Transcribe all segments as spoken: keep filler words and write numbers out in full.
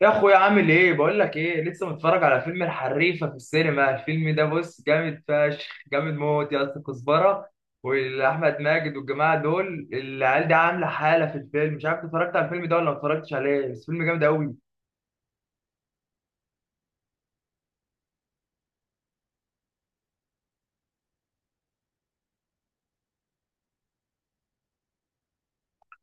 يا اخويا، عامل ايه؟ بقول لك ايه، لسه متفرج على فيلم الحريفه في السينما. الفيلم ده بص جامد فشخ، جامد موت يا اسطى. كزبره واحمد ماجد والجماعه دول، العيال دي عامله حاله في الفيلم. مش عارف اتفرجت على الفيلم ده ولا ما اتفرجتش عليه، بس فيلم جامد قوي.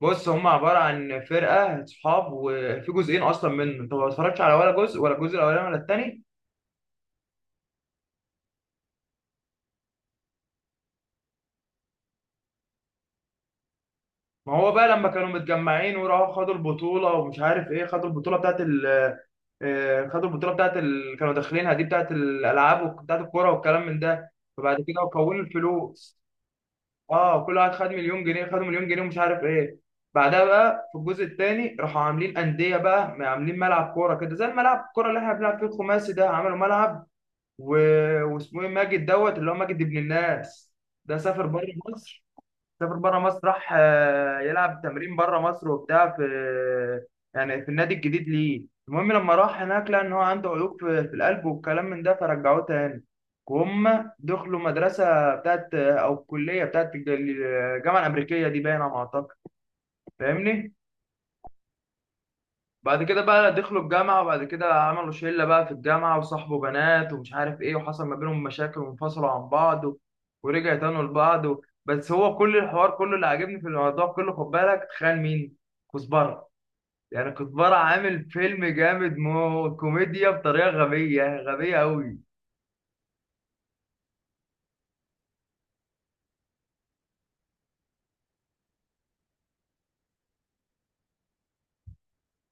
بص، هم عباره عن فرقه صحاب، وفي جزئين اصلا منه. انت ما اتفرجتش على ولا جزء؟ ولا الجزء الاولاني ولا التاني؟ ما هو بقى لما كانوا متجمعين وراحوا خدوا البطوله، ومش عارف ايه، خدوا البطوله بتاعت آه، خدوا البطوله بتاعت ال... كانوا داخلينها دي، بتاعت الالعاب وبتاعت الكوره والكلام من ده. فبعد كده كونوا الفلوس. اه، كل واحد خد مليون جنيه، خدوا مليون جنيه ومش عارف ايه. بعدها بقى في الجزء الثاني راحوا عاملين انديه، بقى عاملين ملعب كوره كده، زي الملعب الكوره اللي احنا بنلعب فيه الخماسي ده، عملوا ملعب و... واسمه ايه، ماجد دوت، اللي هو ماجد ابن الناس، ده سافر بره مصر. سافر بره مصر، راح آه، يلعب تمرين بره مصر وبتاع، في يعني في النادي الجديد ليه. المهم، لما راح هناك لقى ان هو عنده عيوب في, في القلب والكلام من ده، فرجعوه تاني. وهم دخلوا مدرسة بتاعت آه، او كلية بتاعت الج- الجامعة الأمريكية دي، باينة على ما أعتقد. فاهمني؟ بعد كده بقى دخلوا الجامعة، وبعد كده عملوا شلة بقى في الجامعة، وصاحبوا بنات ومش عارف ايه، وحصل ما بينهم مشاكل وانفصلوا عن بعض و- ورجعوا تانوا لبعض و... بس هو كل الحوار كله اللي عاجبني في الموضوع كله. خد بالك، تخيل مين؟ كزبرة. يعني كزبرة عامل فيلم جامد، مو كوميديا بطريقة غبية غبية أوي.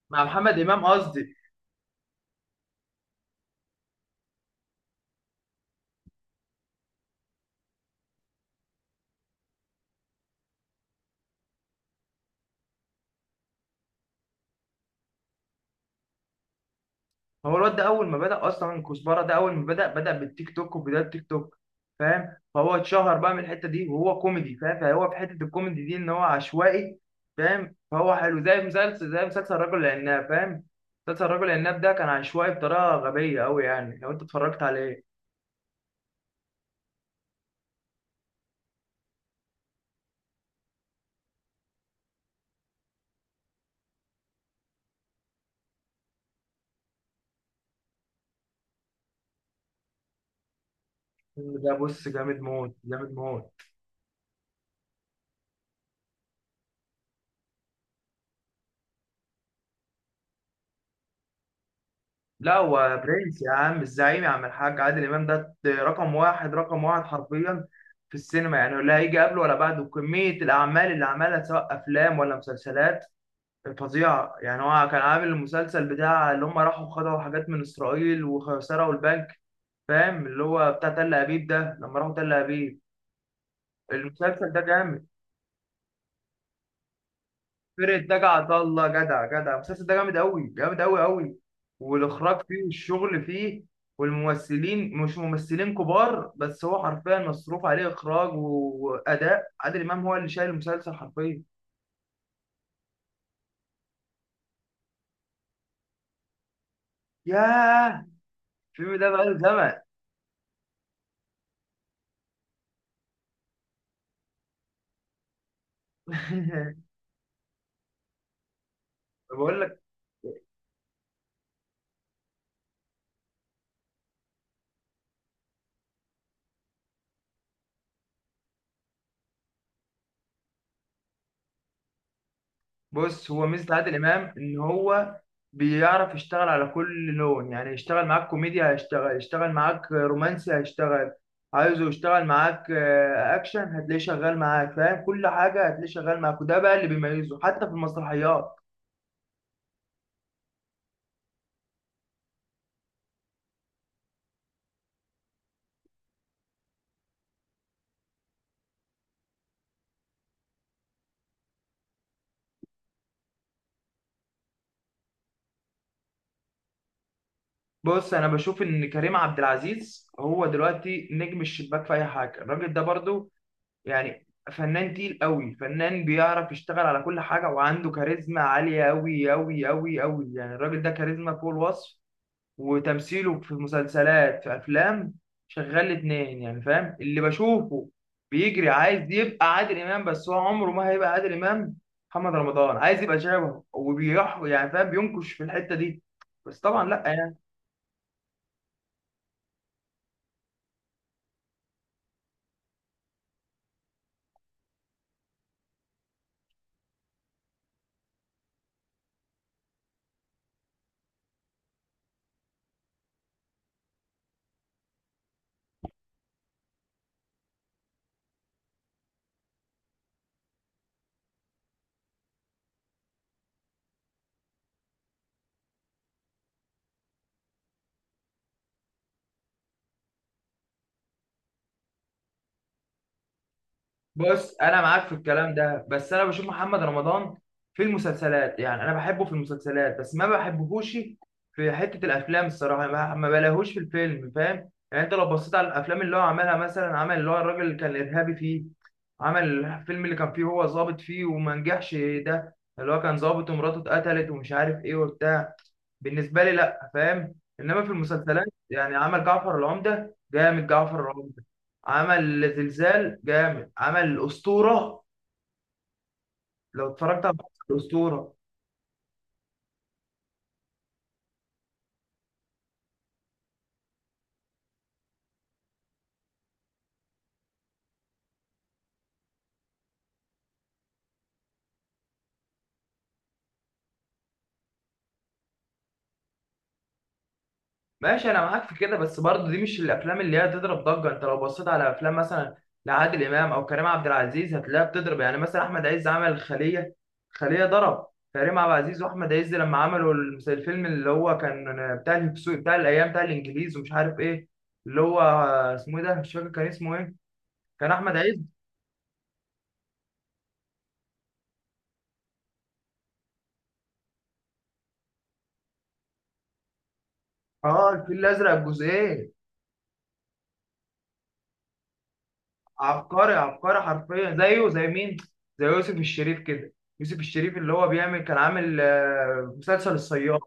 مع محمد إمام قصدي. هو الواد ده اول ما بدأ اصلا كزبره، ده اول ما بدأ بدأ بالتيك توك وبداية التيك توك، فاهم؟ فهو اتشهر بقى من الحتة دي، وهو كوميدي فاهم. فهو في حتة الكوميدي دي ان هو عشوائي فاهم. فهو حلو، زي مسلسل، زي مسلسل الرجل العناب فاهم. مسلسل الرجل العناب ده كان عشوائي بطريقة غبية قوي، يعني لو انت اتفرجت عليه، ده بص جامد موت، جامد موت. لا، هو برنس يا عم، الزعيم يا عم، الحاج عادل امام ده رقم واحد، رقم واحد حرفيا في السينما يعني. لا هيجي قبله ولا بعده. كمية الأعمال اللي عملها سواء أفلام ولا مسلسلات، فظيعة يعني. هو كان عامل المسلسل بتاع اللي هم راحوا خدعوا حاجات من إسرائيل وسرقوا البنك، فاهم؟ اللي هو بتاع تل أبيب ده، لما راحوا تل أبيب. المسلسل ده جامد. فرقة ناجي عطا الله، جدع جدع. المسلسل ده جامد قوي، جامد قوي قوي. والإخراج فيه والشغل فيه. والممثلين مش ممثلين كبار، بس هو حرفيا مصروف عليه إخراج. وأداء عادل إمام هو اللي شايل المسلسل حرفيا. ياه، الفيلم ده بقاله زمن. بقول لك. بص، هو ميزة عادل إمام إن هو بيعرف يشتغل على كل لون. يعني يشتغل معاك كوميديا هيشتغل، يشتغل معاك رومانسي هيشتغل، عايزه يشتغل معاك آه، أكشن هتلاقيه شغال معاك، فاهم؟ كل حاجة هتلاقيه شغال معاك، وده بقى اللي بيميزه، حتى في المسرحيات. بص، أنا بشوف إن كريم عبد العزيز هو دلوقتي نجم الشباك في أي حاجة. الراجل ده برضو يعني فنان تقيل قوي، فنان بيعرف يشتغل على كل حاجة، وعنده كاريزما عالية قوي قوي قوي قوي يعني. الراجل ده كاريزما فوق الوصف. وتمثيله في مسلسلات في افلام، شغال الاتنين يعني، فاهم؟ اللي بشوفه بيجري عايز يبقى عادل امام، بس هو عمره ما هيبقى عادل امام. محمد رمضان عايز يبقى شبهه وبيح يعني، فاهم؟ بينكش في الحته دي، بس طبعا لا يعني. بص، انا معاك في الكلام ده، بس انا بشوف محمد رمضان في المسلسلات يعني، انا بحبه في المسلسلات، بس ما بحبهوش في حته الافلام الصراحه. ما ما بلاهوش في الفيلم، فاهم يعني؟ انت لو بصيت على الافلام اللي هو عملها مثلا، عمل اللي هو الراجل اللي كان ارهابي فيه، عمل الفيلم اللي كان فيه هو ظابط فيه وما نجحش، ده اللي هو كان ظابط ومراته اتقتلت ومش عارف ايه وبتاع. بالنسبه لي لا، فاهم؟ انما في المسلسلات يعني، عمل جعفر العمده جامد، جعفر العمده. عمل زلزال جامد، عمل الاسطوره. لو اتفرجت على الاسطوره. ماشي، انا معاك في كده، بس برضه دي مش الافلام اللي هي تضرب ضجه. انت لو بصيت على افلام مثلا لعادل امام او كريم عبد العزيز، هتلاقيها بتضرب يعني. مثلا احمد عز عمل خليه، خليه ضرب. كريم عبد العزيز واحمد عز لما عملوا المس- الفيلم اللي هو كان بتاع الهكسو، بتاع الايام، بتاع الانجليز ومش عارف ايه، اللي هو اسمه إيه ده، مش فاكر كان اسمه ايه. كان احمد عز. اه، الفيل الازرق الجزئين. عبقري، عبقري حرفيا. زيه زي مين؟ زي يوسف الشريف كده. يوسف الشريف اللي هو بيعمل، كان عامل آه، مسلسل الصياد.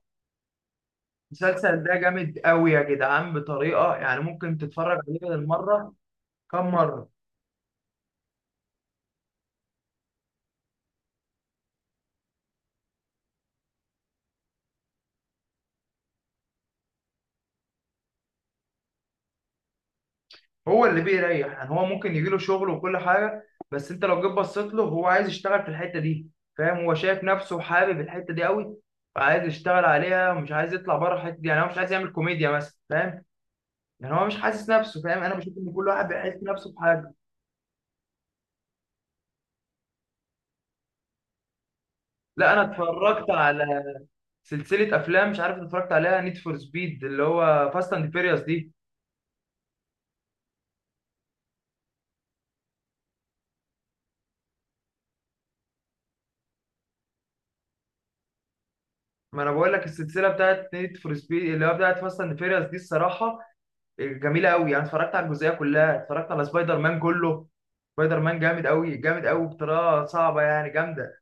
المسلسل ده جامد قوي يا جدعان، بطريقه يعني ممكن تتفرج عليه بدل مره كم مره. هو اللي بيريح يعني. هو ممكن يجيله شغل وكل حاجه، بس انت لو جيت بصيت له، هو عايز يشتغل في الحته دي. فاهم؟ هو شايف نفسه وحابب الحته دي قوي. فعايز يشتغل عليها ومش عايز يطلع بره الحته دي. يعني هو مش عايز يعمل كوميديا مثلا، فاهم؟ يعني هو مش حاسس نفسه، فاهم؟ انا بشوف ان كل واحد بيحس نفسه بحاجه. لا، انا اتفرجت على سلسله افلام مش عارف اتفرجت عليها، نيد فور سبيد، اللي هو فاست اند فيريوس دي. ما انا بقول لك، السلسله بتاعت نيد فور سبيد اللي هي بتاعت فاست اند فيريوس دي، الصراحه جميله قوي يعني. اتفرجت على الجزئيه كلها، اتفرجت على سبايدر مان كله. سبايدر مان جامد قوي، جامد قوي بطريقه صعبه يعني، جامده.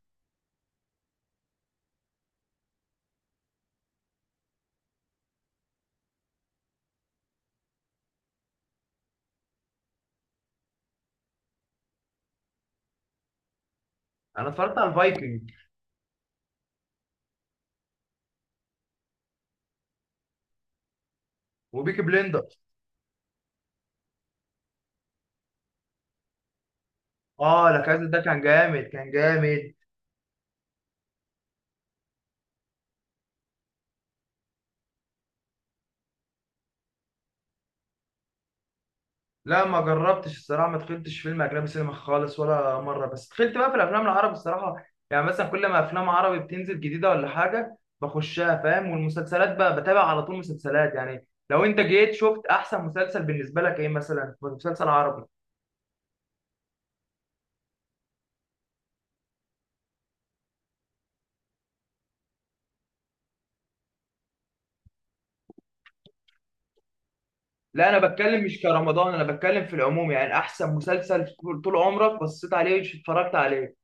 انا اتفرجت على الفايكنج وبيكي بليندر. اه، لا كذا ده كان جامد، كان جامد. لا، ما جربتش الصراحه، ما دخلتش فيلم اجنبي سينما خالص ولا مره، بس دخلت بقى في الافلام العربي الصراحه يعني. مثلا كل ما افلام عربي بتنزل جديده ولا حاجه بخشها، فاهم؟ والمسلسلات بقى بتابع على طول مسلسلات يعني. لو انت جيت شفت احسن مسلسل بالنسبه لك ايه، مثلا مسلسل عربي؟ لا، انا بتكلم مش كرمضان، انا بتكلم في العموم يعني. احسن مسلسل طول طول عمرك بصيت عليه اتفرجت عليه.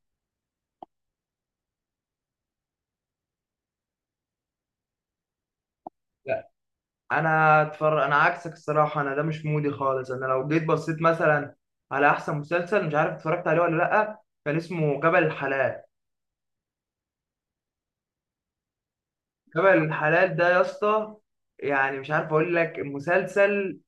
انا اتفرج، انا عكسك الصراحه، انا ده مش مودي خالص. انا لو جيت بصيت مثلا على احسن مسلسل مش عارف اتفرجت عليه ولا لا، كان اسمه جبل الحلال. جبل الحلال ده يا اسطى، يعني مش عارف اقول لك. المسلسل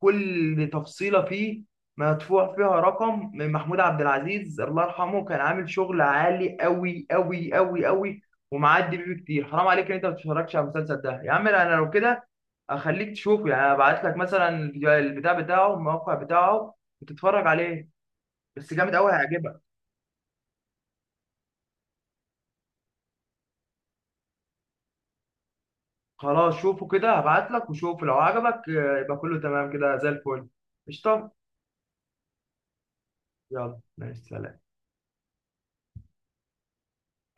كل تفصيلة فيه مدفوع فيها رقم. من محمود عبد العزيز الله يرحمه، كان عامل شغل عالي قوي قوي قوي قوي. ومعدي بيه كتير، حرام عليك ان انت ما تتفرجش على المسلسل ده يا عم. انا لو كده اخليك تشوفه يعني. ابعت لك مثلا البتاع بتاعه، الموقع بتاعه، وتتفرج عليه. بس جامد قوي، هيعجبك. خلاص، شوفه كده. هبعت لك وشوف لو عجبك آه، يبقى كله تمام كده، زي الفل. قشطة. يلا مع السلامة.